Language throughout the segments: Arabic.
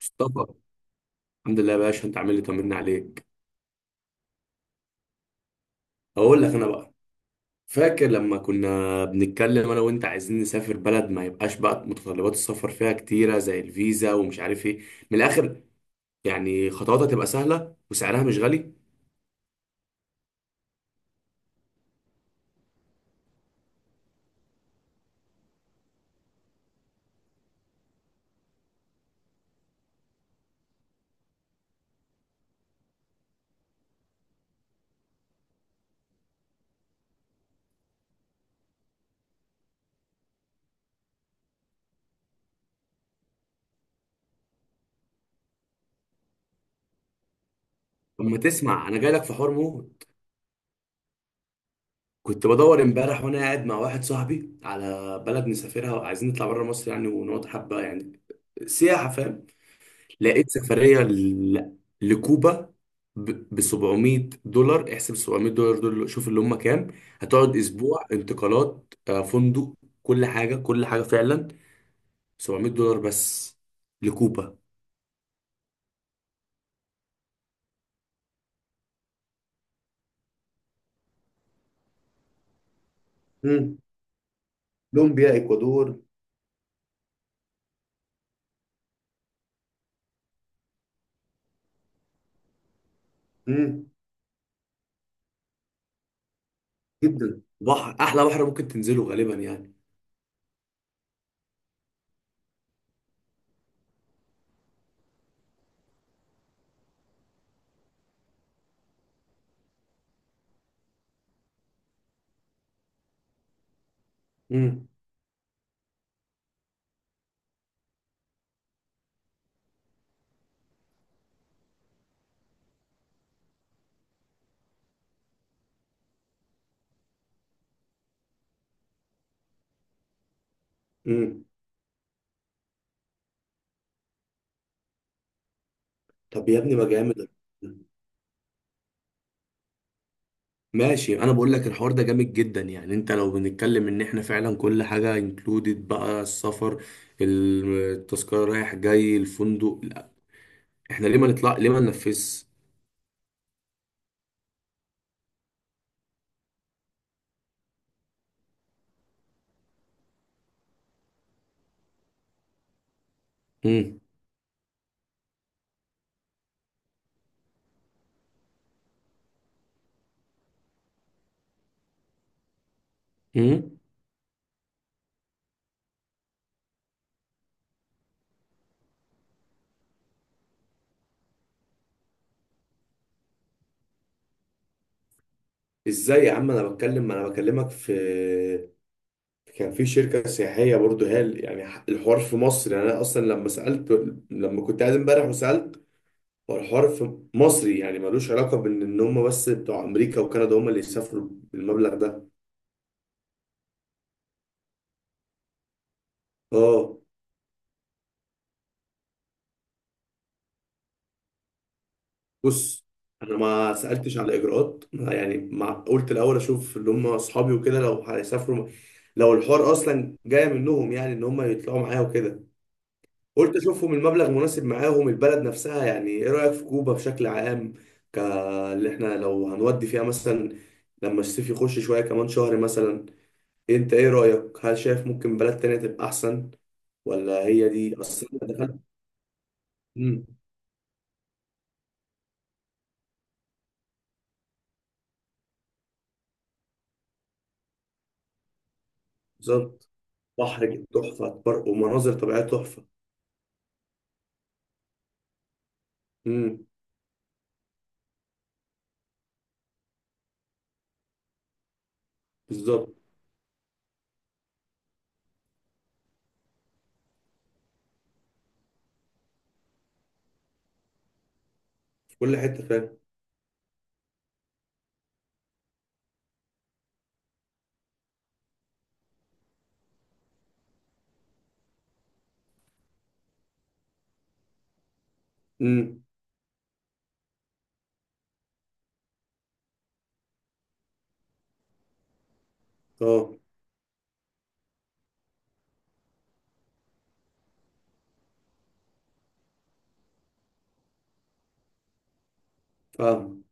مصطفى. الحمد لله يا باشا، انت عامل لي طمنا عليك. اقول لك انا بقى، فاكر لما كنا بنتكلم انا وانت عايزين نسافر بلد ما يبقاش بقى متطلبات السفر فيها كتيره زي الفيزا ومش عارف ايه. من الاخر، يعني خطواتها تبقى سهله وسعرها مش غالي. اما تسمع، انا جاي لك في حرمه. كنت بدور امبارح وانا قاعد مع واحد صاحبي على بلد نسافرها، وعايزين نطلع بره مصر يعني ونقعد حبه، يعني سياحه، فاهم. لقيت سفرية لكوبا ب 700 دولار. احسب 700 دولار دول، شوف اللي هم كام. هتقعد اسبوع، انتقالات، فندق، كل حاجة كل حاجة فعلا. 700 دولار بس لكوبا. امم. كولومبيا، اكوادور. امم. جدا، بحر، احلى بحر ممكن تنزله غالبا يعني. امم. امم. طب يا ابني، ما جامد. ماشي، انا بقول لك الحوار ده جامد جدا، يعني انت لو بنتكلم ان احنا فعلا كل حاجه انكلودed بقى، السفر، التذكره رايح جاي، الفندق، لا احنا ليه ما نطلع؟ ليه ما ننفذش؟ امم. امم. ازاي يا عم؟ انا بتكلم، ما انا بكلمك في كان في شركه سياحيه برضو هال، يعني الحوار في مصر، يعني انا اصلا لما سالت، لما كنت قاعد امبارح وسالت، هو الحوار في مصري يعني، ملوش علاقه بان ان هم بس بتوع امريكا وكندا هم اللي يسافروا بالمبلغ ده. اه. بص، انا ما سالتش على الاجراءات، يعني ما قلت الاول اشوف اللي هم اصحابي وكده لو هيسافروا، لو الحوار اصلا جاي منهم يعني، ان هم يطلعوا معايا وكده. قلت اشوفهم المبلغ مناسب معاهم، البلد نفسها، يعني ايه رايك في كوبا بشكل عام؟ ك اللي احنا لو هنودي فيها مثلا لما الصيف يخش شويه، كمان شهر مثلا. انت ايه رايك، هل شايف ممكن بلد تانية تبقى احسن، ولا هي دي اصلا دخلت؟ امم. بالظبط. بحر تحفه، ومناظر طبيعيه تحفه. امم. بالظبط. في كل حته، فاهم. امم. اه، فاهم.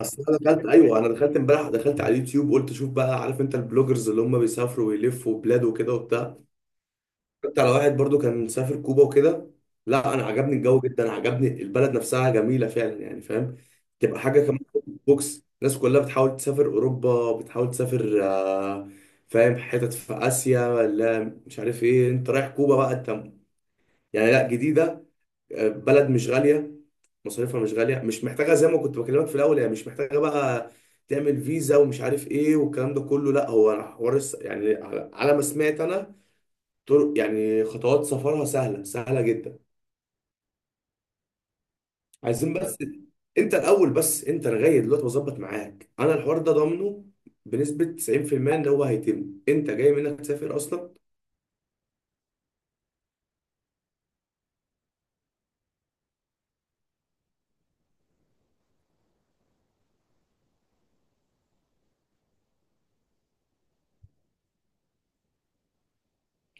اصل انا دخلت، ايوه انا دخلت امبارح، دخلت على اليوتيوب، قلت اشوف بقى، عارف انت البلوجرز اللي هم بيسافروا ويلفوا بلاد وكده وبتاع، كنت على واحد برضو كان مسافر كوبا وكده. لا، انا عجبني الجو جدا، عجبني البلد نفسها جميله فعلا يعني، فاهم. تبقى حاجه كمان، بوكس الناس كلها بتحاول تسافر اوروبا، بتحاول تسافر، فاهم، حتت في اسيا ولا مش عارف ايه، انت رايح كوبا بقى انت، يعني. لا، جديده، بلد مش غاليه، مصاريفها مش غاليه، مش محتاجه زي ما كنت بكلمك في الاول، هي مش محتاجه بقى تعمل فيزا ومش عارف ايه والكلام ده كله. لا، هو حوار يعني، على ما سمعت انا، طرق يعني خطوات سفرها سهله سهله جدا. عايزين بس، انت الاول، بس انت لغايه دلوقتي بظبط معاك انا الحوار ده ضامنه بنسبه 90%؟ ان هو هيتم، انت جاي منك تسافر اصلا؟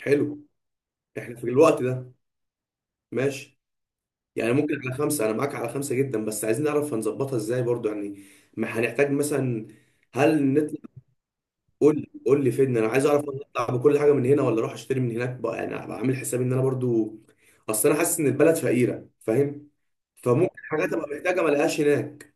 حلو. احنا في الوقت ده. ماشي، يعني ممكن على خمسة، أنا معاك على خمسة جدا، بس عايزين نعرف هنظبطها إزاي برضو، يعني ما هنحتاج مثلا. هل نطلع؟ قول لي قول لي فين، أنا عايز أعرف، أنا أطلع بكل حاجة من هنا ولا أروح أشتري من هناك بقى، يعني أبقى عامل حسابي إن أنا برضو أصل أنا حاسس إن البلد فقيرة، فاهم، فممكن حاجات أبقى محتاجة ما ألاقيهاش هناك.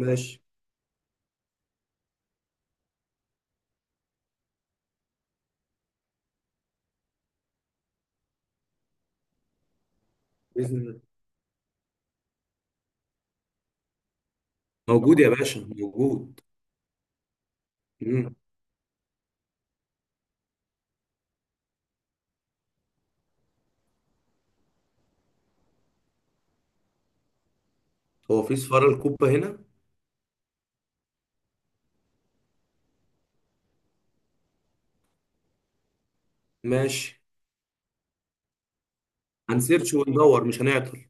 ماشي. بإذن الله. موجود يا باشا، موجود. مم. هو في سفارة الكوبا هنا؟ ماشي، هنسيرش وندور، مش هنعطل.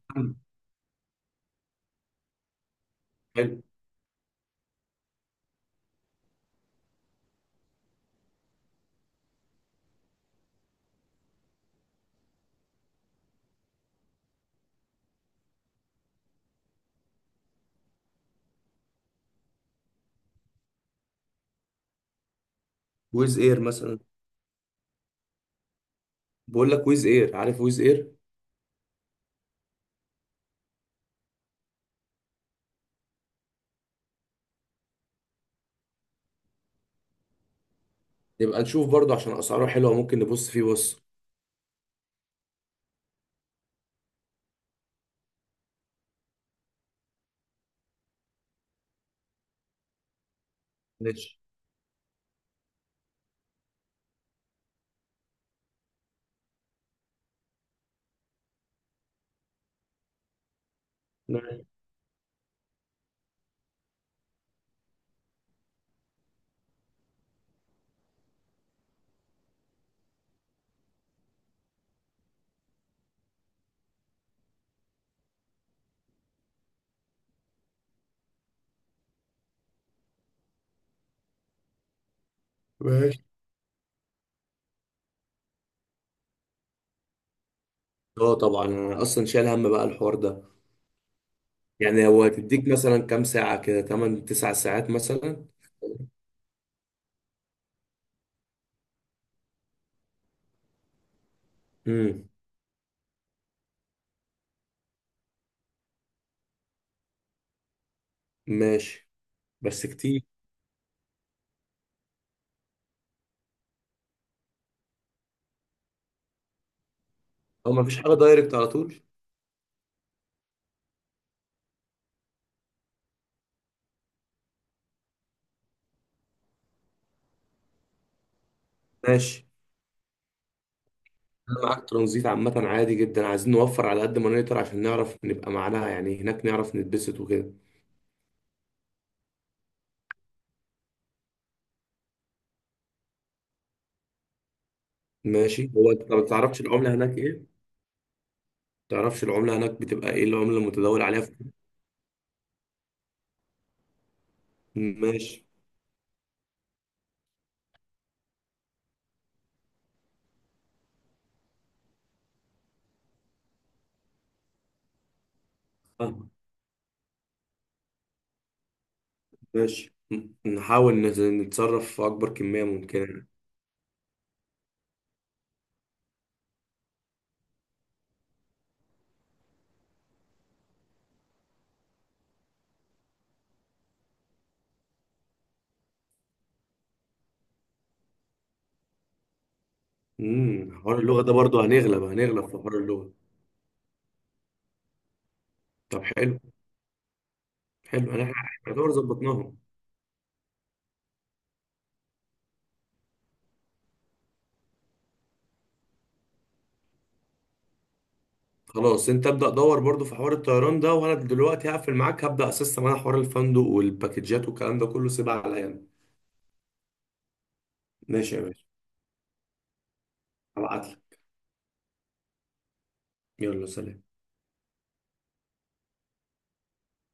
حلو. ويز إير مثلا؟ بقول لك ويز إير، عارف ويز إير؟ نبقى نشوف برضه عشان اسعاره حلوه، ممكن نبص فيه، بص. ماشي. ماشي اه، طبعا انا اصلا شايل هم بقى الحوار ده، يعني هو هتديك مثلا كام ساعه كده، 8 9 ساعات مثلا. امم. ماشي. بس كتير. او مفيش حاجه دايركت على طول؟ ماشي، انا معاك ترانزيت، عامه عادي جدا، عايزين نوفر على قد ما نقدر، عشان نعرف نبقى معناها يعني هناك نعرف نتبسط وكده. ماشي. هو انت ما تعرفش العمله هناك ايه، ما تعرفش العمله هناك بتبقى ايه؟ العمله المتداول عليها في... ماشي. آه. ماشي، نحاول نتصرف في أكبر كمية ممكنة. امم. حوار اللغة ده برضو، هنغلب هنغلب في حوار اللغة. طب حلو. حلو، انا يعتبر ظبطناهم. خلاص، انت ابدأ دور برضو في حوار الطيران ده، وانا دلوقتي هقفل معاك، هبدأ اسيستم انا حوار الفندق والباكجات والكلام ده كله، سيبها عليا أنا. ماشي يا باشا، هبعتلك. يلا سلام.